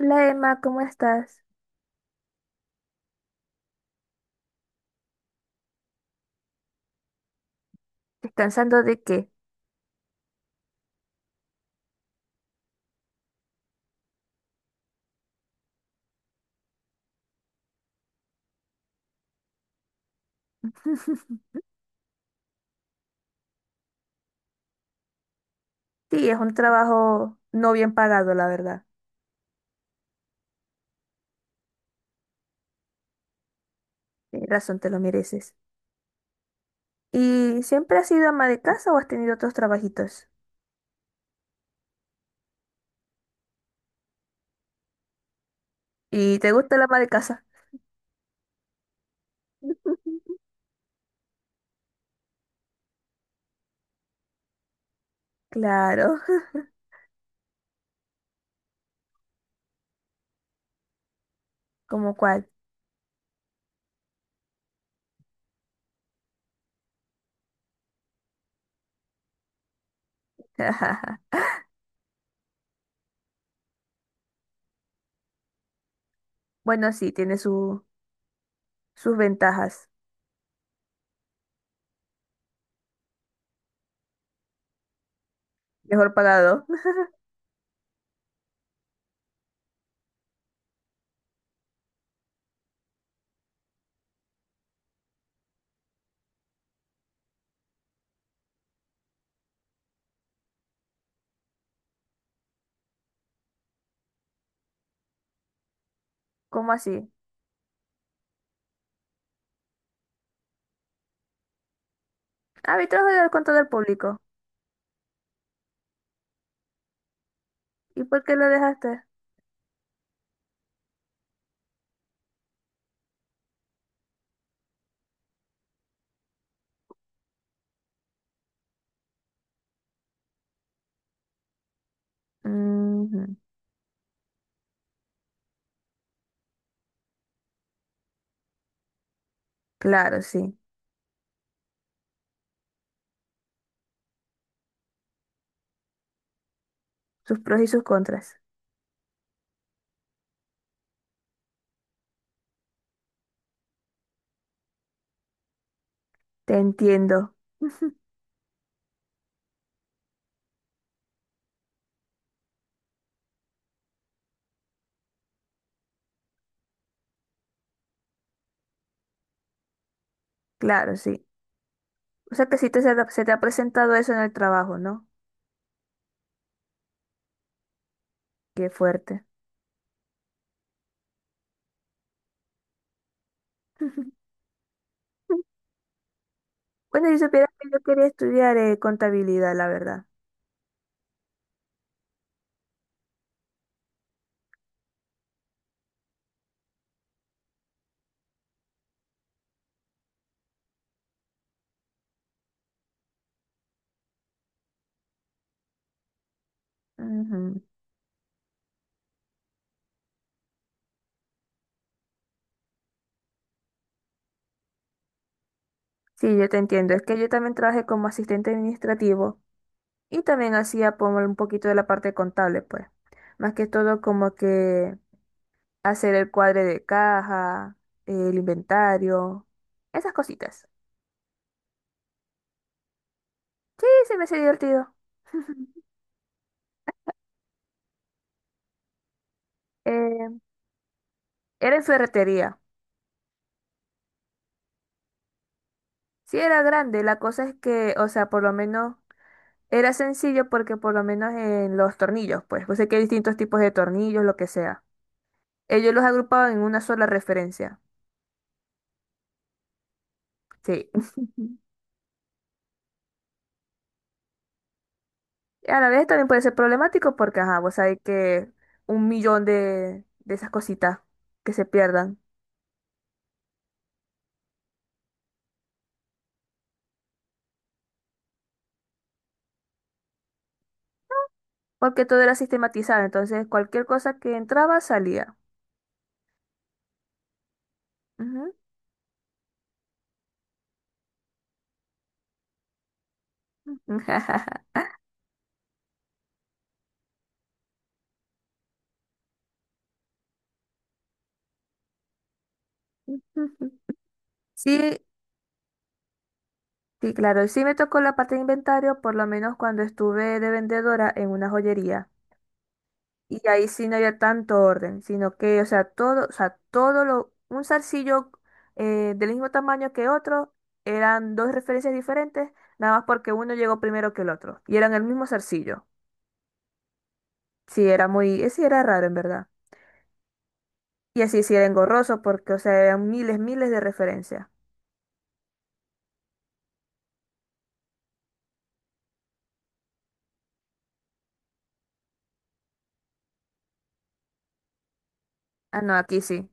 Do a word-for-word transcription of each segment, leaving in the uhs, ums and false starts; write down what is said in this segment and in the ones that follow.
Hola Emma, ¿cómo estás? ¿Descansando de qué? Sí, es un trabajo no bien pagado, la verdad. Tienes razón, te lo mereces. ¿Y siempre has sido ama de casa o has tenido otros trabajitos? ¿Y te gusta la ama de casa? Claro. ¿Como cuál? Bueno, sí, tiene su- sus ventajas. Mejor pagado. ¿Cómo así? Ah, vi trabajo con todo el público. ¿Y por qué lo dejaste? Ujú. Claro, sí. Sus pros y sus contras. Te entiendo. Claro, sí. O sea que sí te, se te se te ha presentado eso en el trabajo, ¿no? Qué fuerte. Bueno, si supieras que yo quería estudiar eh, contabilidad, la verdad. Ujú. Sí, yo te entiendo. Es que yo también trabajé como asistente administrativo y también hacía como un poquito de la parte contable, pues. Más que todo como que hacer el cuadre de caja, el inventario, esas cositas. Sí, se me hacía divertido. Eh, Era en ferretería. Sí, era grande. La cosa es que, o sea, por lo menos era sencillo porque por lo menos en los tornillos, pues, pues sé que hay distintos tipos de tornillos, lo que sea. Ellos los agrupaban en una sola referencia. Sí. Y a la vez también puede ser problemático porque, ajá, vos sabés que un millón de, de esas cositas que se pierdan. Porque todo era sistematizado, entonces cualquier cosa que entraba salía. Ujú. Sí, sí, claro, sí me tocó la parte de inventario, por lo menos cuando estuve de vendedora en una joyería. Y ahí sí no había tanto orden, sino que, o sea, todo, o sea, todo lo, un zarcillo eh, del mismo tamaño que otro, eran dos referencias diferentes, nada más porque uno llegó primero que el otro. Y eran el mismo zarcillo. Sí, era muy, eh, sí era raro en verdad. Y así sí era engorroso porque, o sea, eran miles, miles de referencias. Ah, no, aquí sí.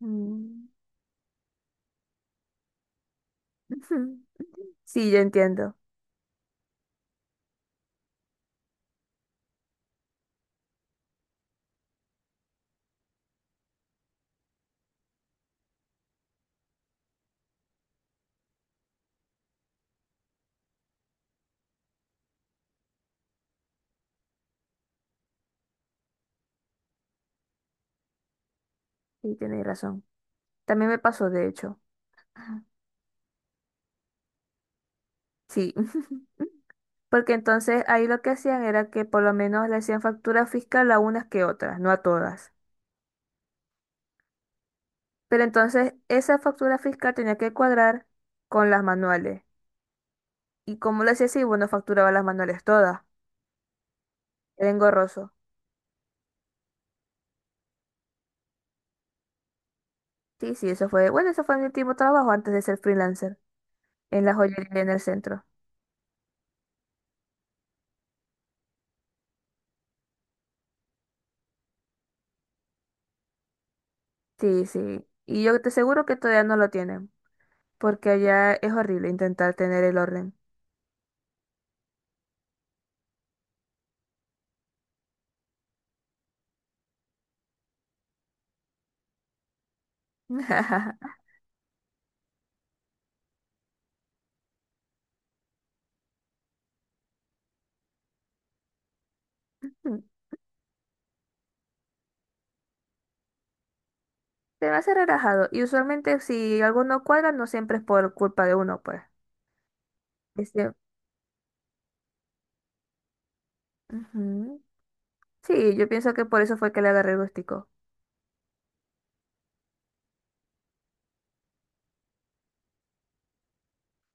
Mm. Sí, yo entiendo. Sí, tenéis razón. También me pasó, de hecho. Sí. Porque entonces ahí lo que hacían era que por lo menos le hacían factura fiscal a unas que otras, no a todas. Pero entonces esa factura fiscal tenía que cuadrar con las manuales. ¿Y como lo hacía así? Bueno, facturaba las manuales todas. Era engorroso. Sí, sí, eso fue. Bueno, eso fue mi último trabajo antes de ser freelancer en la joyería en el centro. Sí, sí. Y yo te aseguro que todavía no lo tienen, porque allá es horrible intentar tener el orden. Se me hace relajado. Y usualmente si algo no cuadra, no siempre es por culpa de uno, pues. Este, ujú. Sí, yo pienso que por eso fue que le agarré el gustico.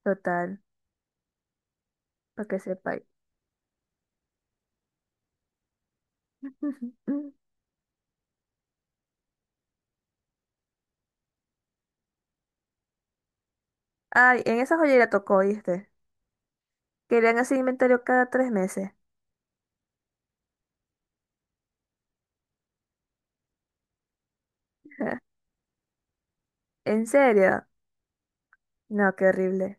Total, para que sepa. Ay, en esa joyería tocó, ¿viste? Querían hacer inventario cada tres meses. ¿En serio? No, qué horrible.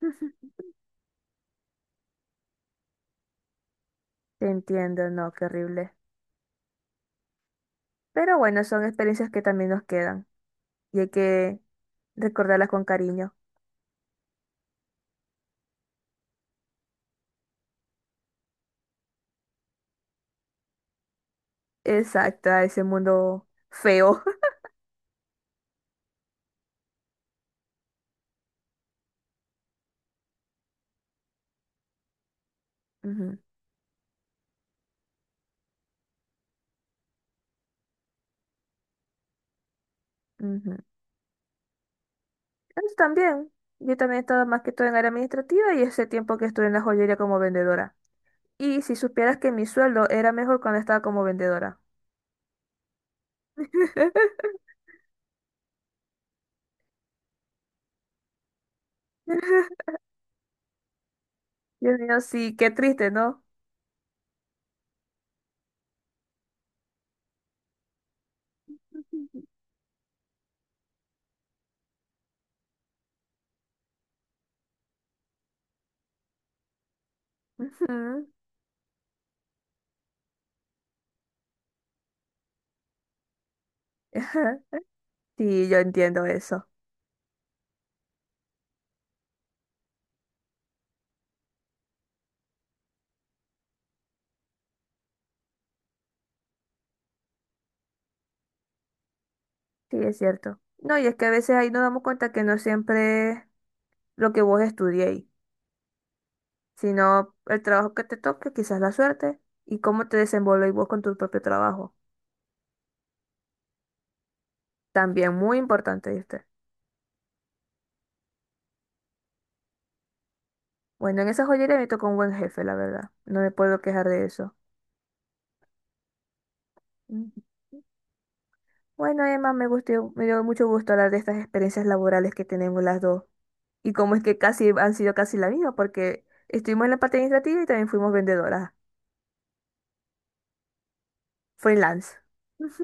Te entiendo, no, qué horrible. Pero bueno, son experiencias que también nos quedan y hay que recordarlas con cariño. Exacto, a ese mundo feo. Ujú, ujú. Él también. Yo también he estado más que todo en área administrativa y ese tiempo que estuve en la joyería como vendedora. Y si supieras que mi sueldo era mejor cuando estaba como vendedora. Dios mío, sí, qué triste, ¿no? Ujú. Sí, yo entiendo eso. Sí, es cierto. No, y es que a veces ahí nos damos cuenta que no siempre es lo que vos estudiéis, sino el trabajo que te toque, quizás la suerte, y cómo te desenvolvéis vos con tu propio trabajo. También muy importante. Bueno, en esa joyería me tocó un buen jefe, la verdad. No me puedo quejar de eso. Mm. Bueno, Emma, me gustó, me dio mucho gusto hablar de estas experiencias laborales que tenemos las dos. Y cómo es que casi han sido casi la misma, porque estuvimos en la parte administrativa y también fuimos vendedoras, freelance.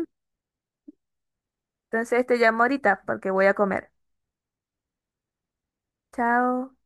Entonces te llamo ahorita porque voy a comer. Chao.